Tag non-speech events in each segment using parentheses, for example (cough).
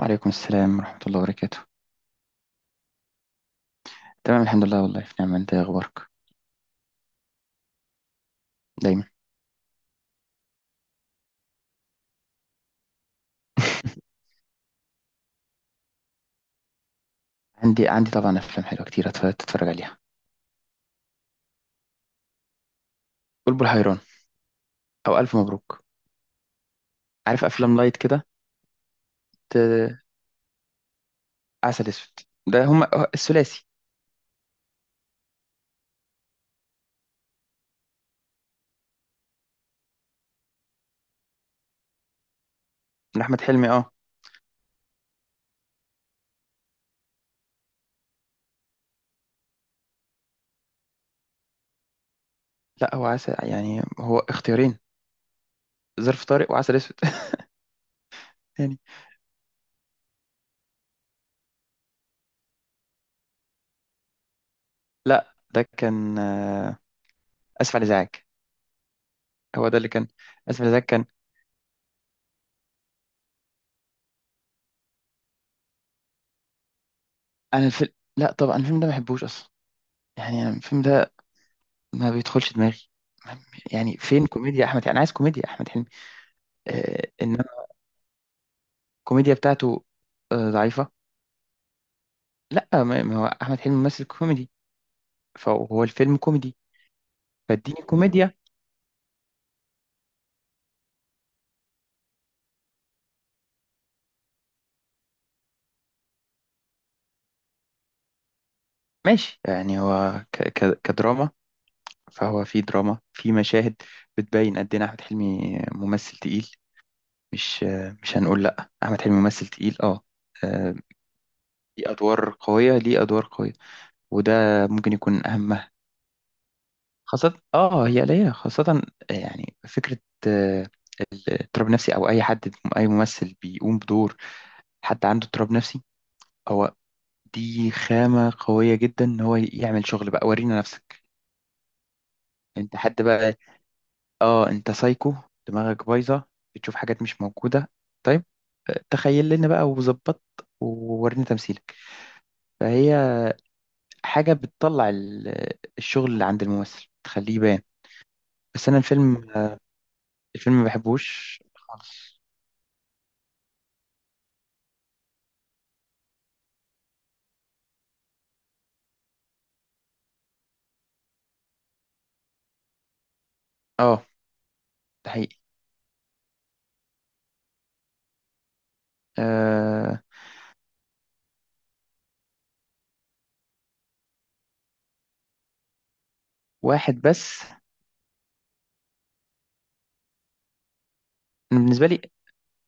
وعليكم السلام ورحمة الله وبركاته. تمام، الحمد لله، والله في نعمة. انت إيه اخبارك؟ دايما. (laughs) عندي طبعا افلام حلوة كتير، تتفرج عليها. بلبل حيران، او الف مبروك. عارف افلام لايت كده. ت... عسل اسود. ده هم الثلاثي. من احمد حلمي، اه. لا، هو عسل، يعني هو اختيارين: ظرف طارق وعسل اسود. (laughs) يعني لا، ده كان اسف على الازعاج. هو ده اللي كان. اسف على الازعاج كان. انا الفيلم، لا، طبعا الفيلم ده ما بحبوش اصلا. يعني أنا الفيلم ده ما بيدخلش دماغي. ما- يعني فين كوميديا احمد؟ انا عايز كوميديا احمد حلمي. انما الكوميديا بتاعته ضعيفه. لا، ما هو احمد حلمي ممثل كوميدي، فهو الفيلم كوميدي. فاديني كوميديا. ماشي، يعني هو ك ك كدراما فهو في دراما، في مشاهد بتبين قد ايه احمد حلمي ممثل تقيل. مش، مش هنقول لا، احمد حلمي ممثل تقيل، اه. آه، ليه ادوار قويه، ليه ادوار قويه. وده ممكن يكون اهم. خاصة، هي قليلة. خاصة يعني فكرة آه، الاضطراب النفسي، او اي ممثل بيقوم بدور حد عنده اضطراب نفسي. هو دي خامة قوية جدا ان هو يعمل شغل. بقى ورينا نفسك. انت حد بقى، اه، انت سايكو، دماغك بايظة، بتشوف حاجات مش موجودة. طيب، تخيل لنا بقى وظبط وورينا تمثيلك. فهي حاجة بتطلع الشغل اللي عند الممثل تخليه يبان. بس انا الفيلم، ما بحبوش خالص، اه. ده حقيقي. أه. واحد بس. أنا بالنسبة لي،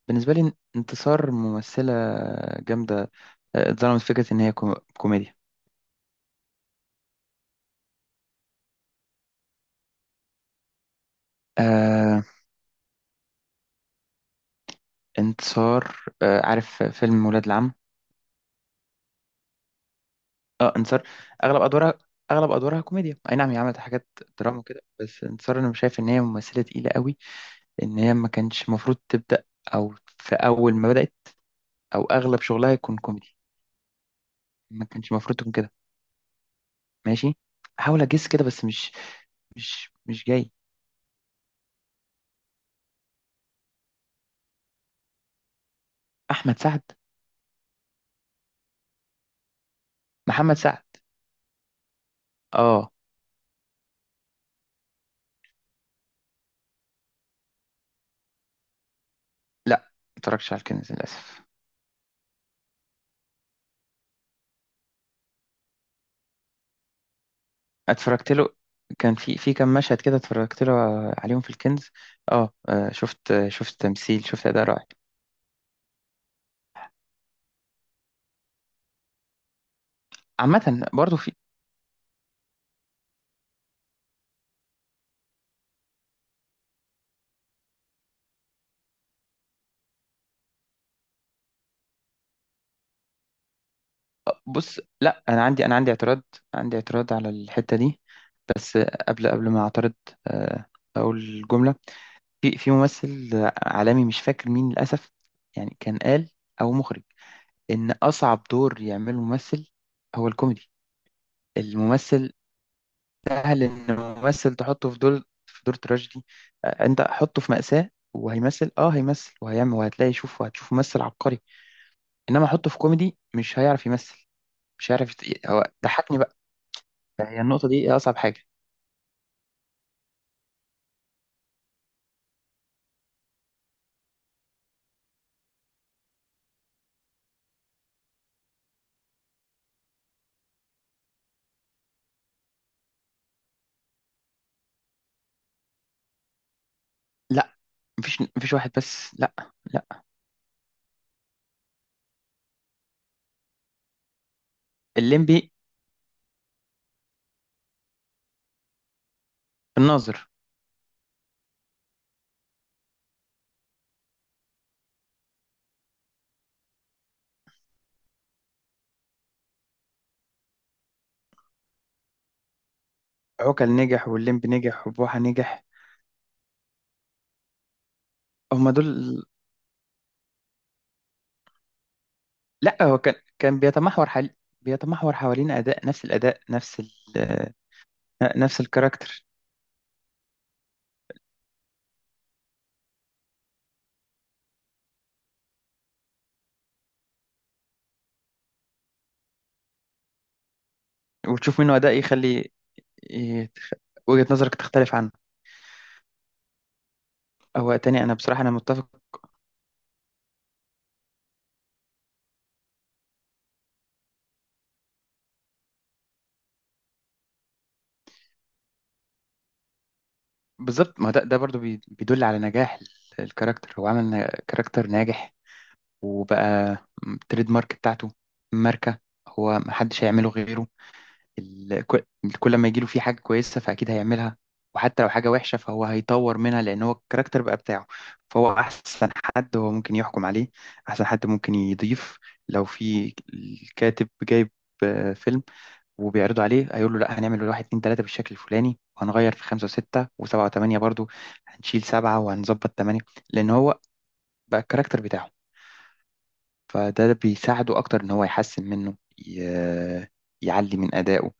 انتصار ممثلة جامدة. اتظلمت فكرة إن هي كوميديا. أه، انتصار. أه، عارف فيلم ولاد العم؟ اه، انتصار. أغلب أدوارها أغلب أدوارها كوميديا، أي نعم هي عملت حاجات دراما وكده. بس انتصار أنا مش شايف إن هي ممثلة تقيلة قوي. إن هي ما كانش المفروض تبدأ، أو في أول ما بدأت أو أغلب شغلها يكون كوميدي. ما كانش المفروض تكون كده. ماشي، حاول أجس كده، بس مش مش جاي. احمد سعد. محمد سعد. اه، لا، ما اتفرجتش على الكنز للاسف. اتفرجت له، كان في كام مشهد كده اتفرجت له عليهم في الكنز. اه، شفت تمثيل، شفت اداء رائع. عامه برضو في. بص، لا، انا عندي اعتراض. عندي اعتراض على الحته دي. بس قبل ما اعترض آه، اقول جمله. في ممثل عالمي مش فاكر مين للاسف، يعني كان قال او مخرج، ان اصعب دور يعمله ممثل هو الكوميدي. الممثل سهل ان ممثل تحطه في دور، تراجيدي. انت حطه في مأساة وهيمثل، هيمثل وهيعمل وهتلاقي، وهتشوف ممثل عبقري. انما حطه في كوميدي مش هيعرف يمثل. مش هيعرف هو ضحكني بقى. هي النقطة دي اصعب حاجة. لا، مفيش واحد بس، لا. لا. الليمبي. الناظر. عوكل نجح، والليمبي نجح، وبوحة نجح. هما دول. لا، هو كان، كان بيتمحور بيتمحور حوالين اداء، نفس الاداء، نفس آه، نفس الكاركتر. وتشوف منه اداء يخلي وجهة نظرك تختلف عن. هو تاني، انا بصراحة انا متفق. بالظبط، ما ده برضو بيدل على نجاح الكاركتر. هو عمل كاركتر ناجح وبقى تريد مارك بتاعته، ماركة. هو محدش هيعمله غيره. كل، كل ما يجيله فيه حاجة كويسة فأكيد هيعملها، وحتى لو حاجة وحشة فهو هيطور منها، لأن هو الكاركتر بقى بتاعه. فهو أحسن حد هو ممكن يحكم عليه، أحسن حد ممكن يضيف. لو في الكاتب جايب فيلم وبيعرضوا عليه، هيقول له: لا، هنعمل واحد اتنين تلاتة بالشكل الفلاني، وهنغير في خمسة وستة وسبعة وتمانية، برضو هنشيل سبعة وهنظبط تمانية. لأن هو بقى الكاركتر بتاعه. فده بيساعده أكتر إن هو يحسن منه، ي... يعلي من أدائه،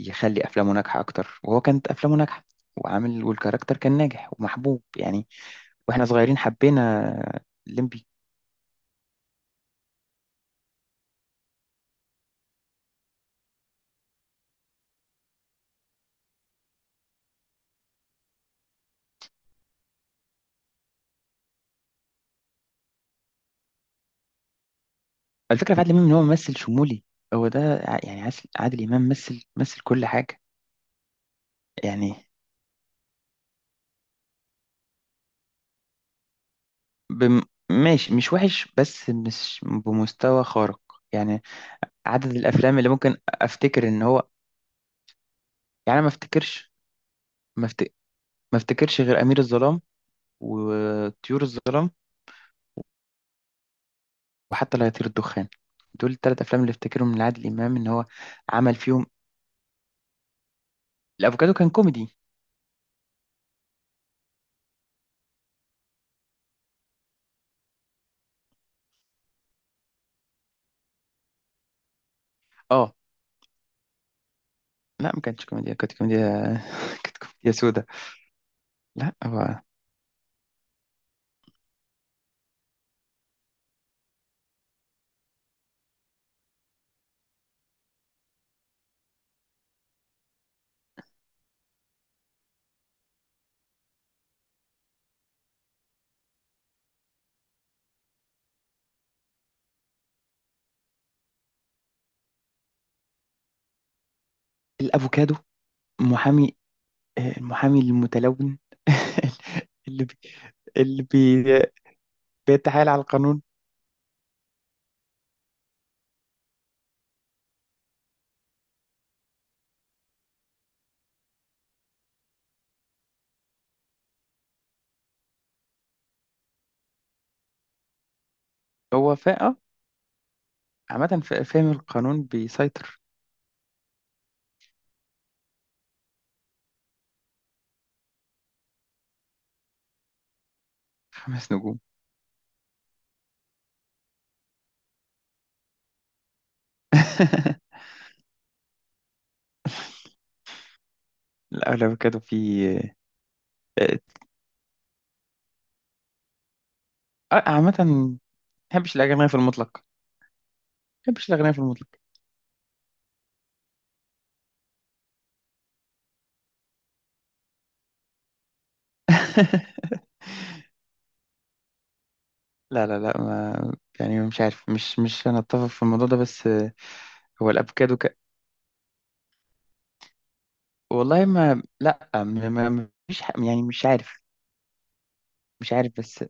يخلي أفلامه ناجحة أكتر. وهو كانت أفلامه ناجحة وعامل، والكاركتر كان ناجح ومحبوب يعني. وإحنا صغيرين حبينا الليمبي. الفكرة في عادل إمام إن هو ممثل شمولي. هو ده، يعني عادل إمام مثل كل حاجة. يعني بم... ماشي، مش وحش، بس مش بمستوى خارق، يعني. عدد الافلام اللي ممكن افتكر ان هو، يعني أنا ما افتكرش. ما, أفت... ما افتكرش غير امير الظلام وطيور الظلام وحتى لا يطير الدخان. دول الثلاث افلام اللي افتكرهم من عادل امام ان هو عمل فيهم. الافوكادو كان كوميدي. اه، لا، ما كانش كوميديا، كانت كوميديا. (laughs) كانت كوميديا سودا. لا، هو الافوكادو محامي، المحامي المتلون. (laughs) اللي بي... اللي بي... بيتحايل على القانون. هو فا آه، عامة فاهم، القانون بيسيطر. 5 نجوم. (laughs) الأغلب في آه، آه، عامة ما بحبش الأغنياء في المطلق، ما بحبش الأغنياء في المطلق. (laughs) لا، لا، لا، ما يعني مش عارف. مش مش أنا أتفق في الموضوع ده، بس هو الأفوكادو والله، ما لا ما ما- ما- مش ح- يعني مش عارف. مش عارف، بس.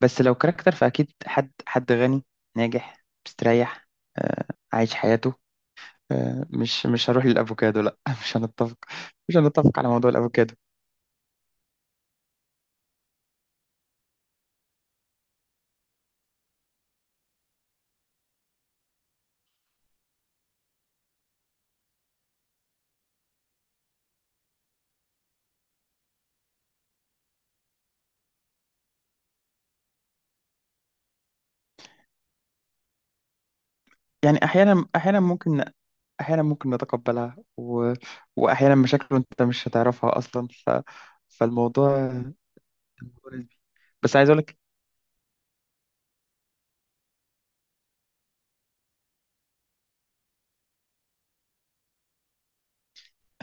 بس لو كاركتر فأكيد حد غني، ناجح، مستريح، آه، عايش حياته. مش هروح للافوكادو، لا. (laughs) مش هنتفق. مش هنتفق على موضوع الافوكادو. يعني احيانا ممكن، احيانا ممكن نتقبلها واحيانا مشاكله انت مش هتعرفها اصلا، فالموضوع، الموضوع نسبي. بس عايز اقول لك.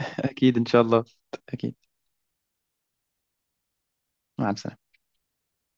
(laughs) اكيد ان شاء الله. اكيد. مع السلامه.